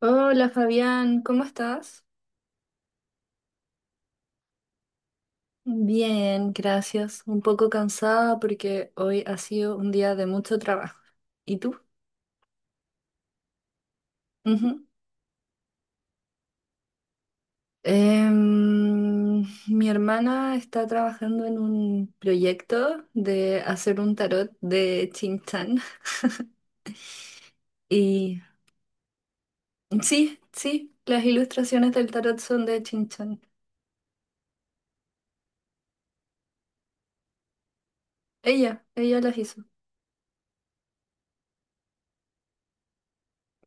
Hola Fabián, ¿cómo estás? Bien, gracias. Un poco cansada porque hoy ha sido un día de mucho trabajo. ¿Y tú? Ujú. Em, mi hermana está trabajando en un proyecto de hacer un tarot de Chin Chan. Y sí, sí, las ilustraciones del tarot son de Chin Chan. Ella las hizo.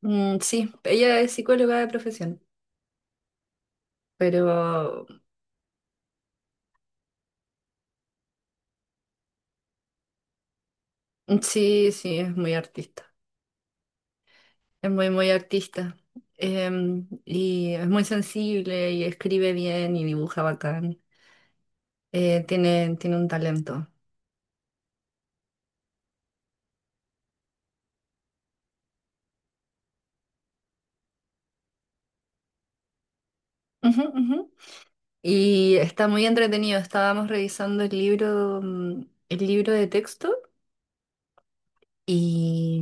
Mm, sí, ella es psicóloga de profesión, pero sí, sí, es muy artista. Es muy, muy artista. Y es muy sensible y escribe bien y dibuja bacán. Tiene un talento. Ujú, ujú. Y está muy entretenido. Estábamos revisando el libro, el libro de texto y,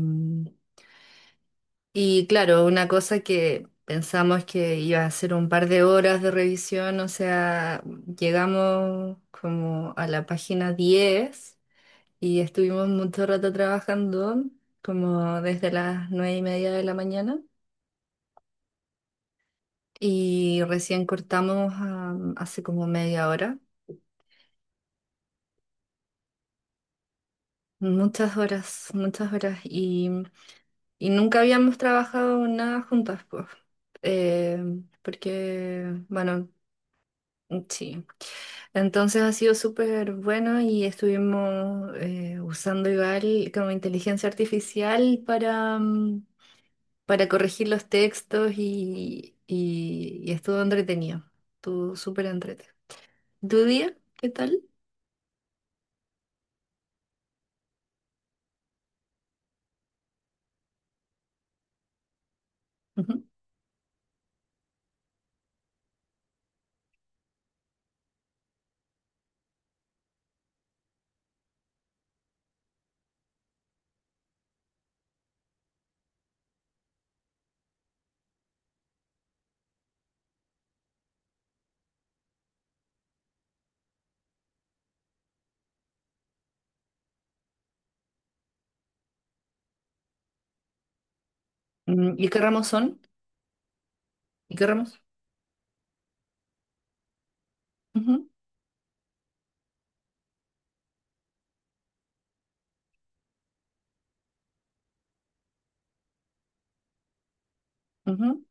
y claro, una cosa que pensamos que iba a ser un par de horas de revisión, o sea, llegamos como a la página diez y estuvimos mucho rato trabajando, como desde las nueve y media de la mañana, y recién cortamos hace como media hora. Muchas horas, y nunca habíamos trabajado nada juntas, pues. Eh, porque, bueno, sí. Entonces ha sido súper bueno y estuvimos usando igual como inteligencia artificial para, para corregir los textos y estuvo entretenido. Estuvo súper entretenido. ¿Tu día? ¿Qué tal? Ujú. Mm, ¿y qué ramos son? ¿Y qué ramos? Ujú, ujú.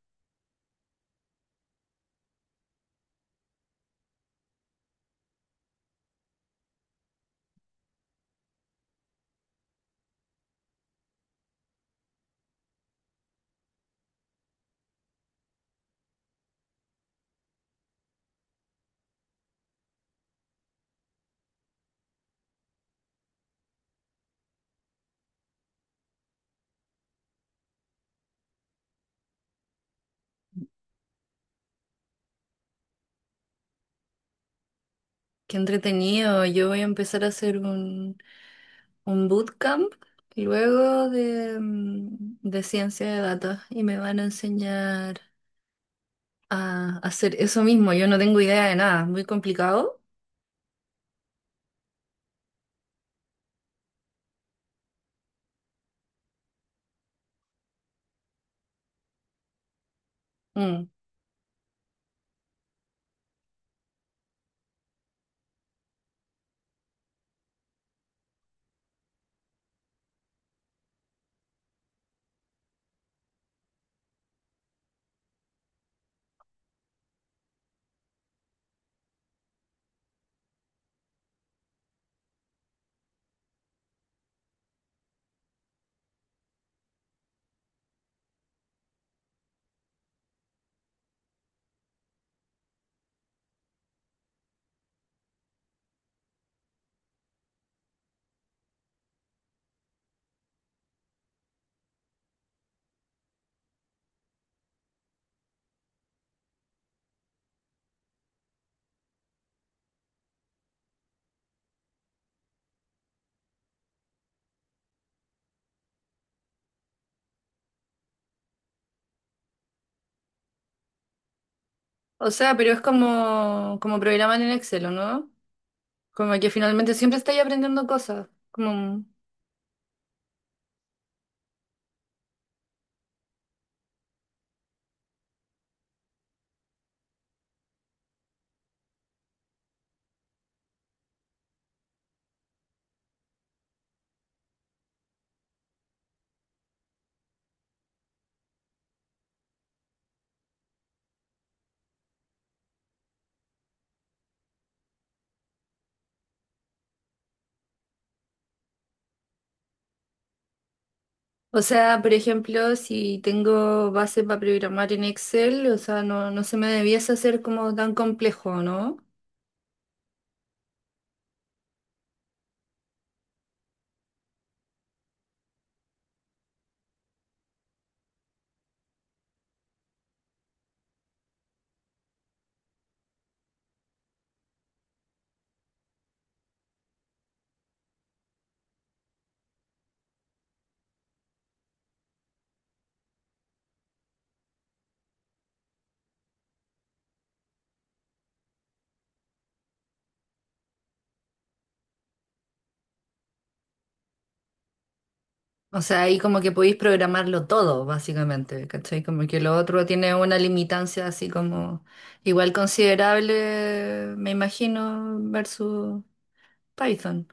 Qué entretenido. Yo voy a empezar a hacer un bootcamp luego de, de ciencia de datos y me van a enseñar a hacer eso mismo. Yo no tengo idea de nada. Muy complicado. Mm. O sea, pero es como, como programar en Excel, ¿o no? Como que finalmente siempre estáis aprendiendo cosas. Como, o sea, por ejemplo, si tengo base para programar en Excel, o sea, no se me debiese hacer como tan complejo, ¿no? O sea, ahí como que podéis programarlo todo, básicamente, ¿cachai? Como que lo otro tiene una limitancia así como igual considerable, me imagino, versus Python.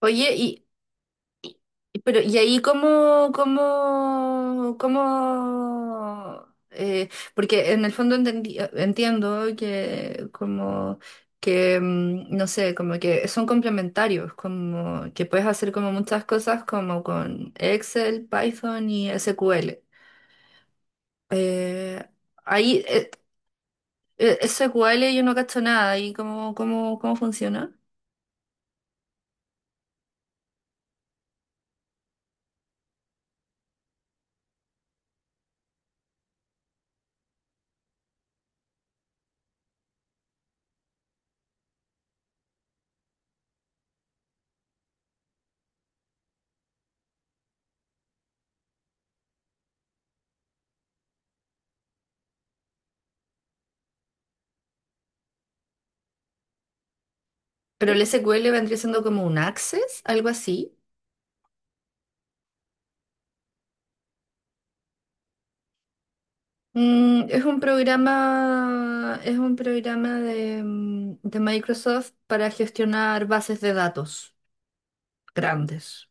Oye, y pero, ¿y ahí cómo, porque en el fondo entiendo que como que, no sé, como que son complementarios, como que puedes hacer como muchas cosas como con Excel, Python y SQL. Eh, ahí, eh, SQL yo no cacho nada, ¿y cómo, cómo funciona? Pero el SQL vendría siendo como un Access, algo así. Mm, es un programa de, de Microsoft para gestionar bases de datos grandes.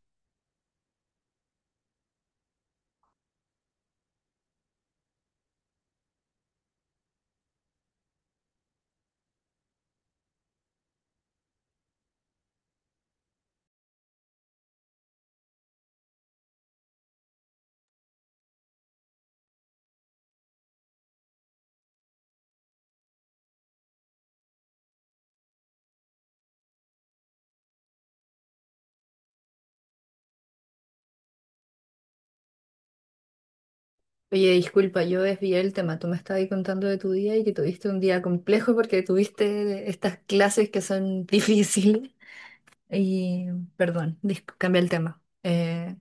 Oye, disculpa, yo desvié el tema. Tú me estabas contando de tu día y que tuviste un día complejo porque tuviste estas clases que son difíciles. Y, perdón, cambié el tema.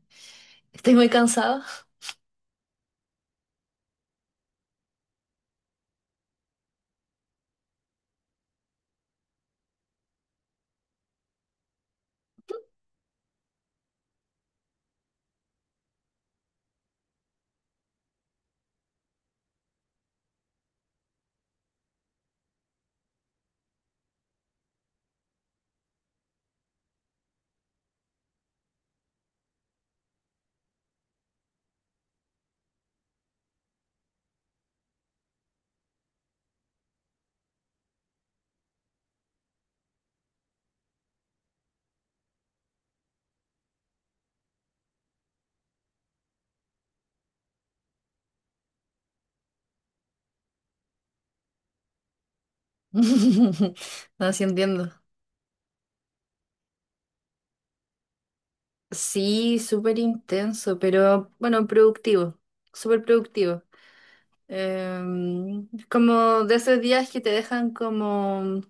¿Estoy muy cansada? No, sí entiendo. Sí, súper intenso, pero bueno, productivo, súper productivo. Em, como de esos días que te dejan como,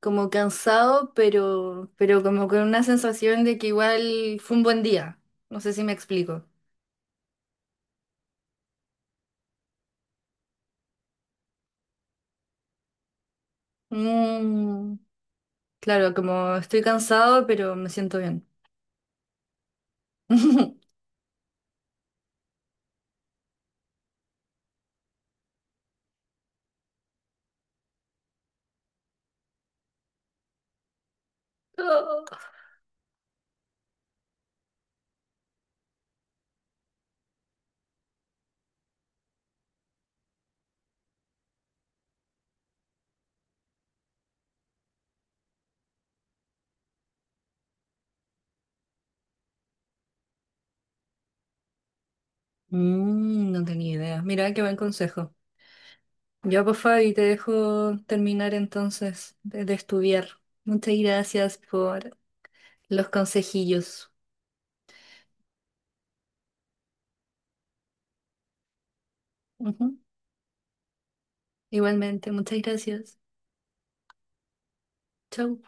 como cansado, pero como con una sensación de que igual fue un buen día. No sé si me explico. Mm, claro, como estoy cansado, pero me siento bien. Mm, no tenía idea. Mira, qué buen consejo. Ya, pues Fabi, te dejo terminar entonces de estudiar. Muchas gracias por los consejillos. Ujú. Igualmente, muchas gracias. Chau.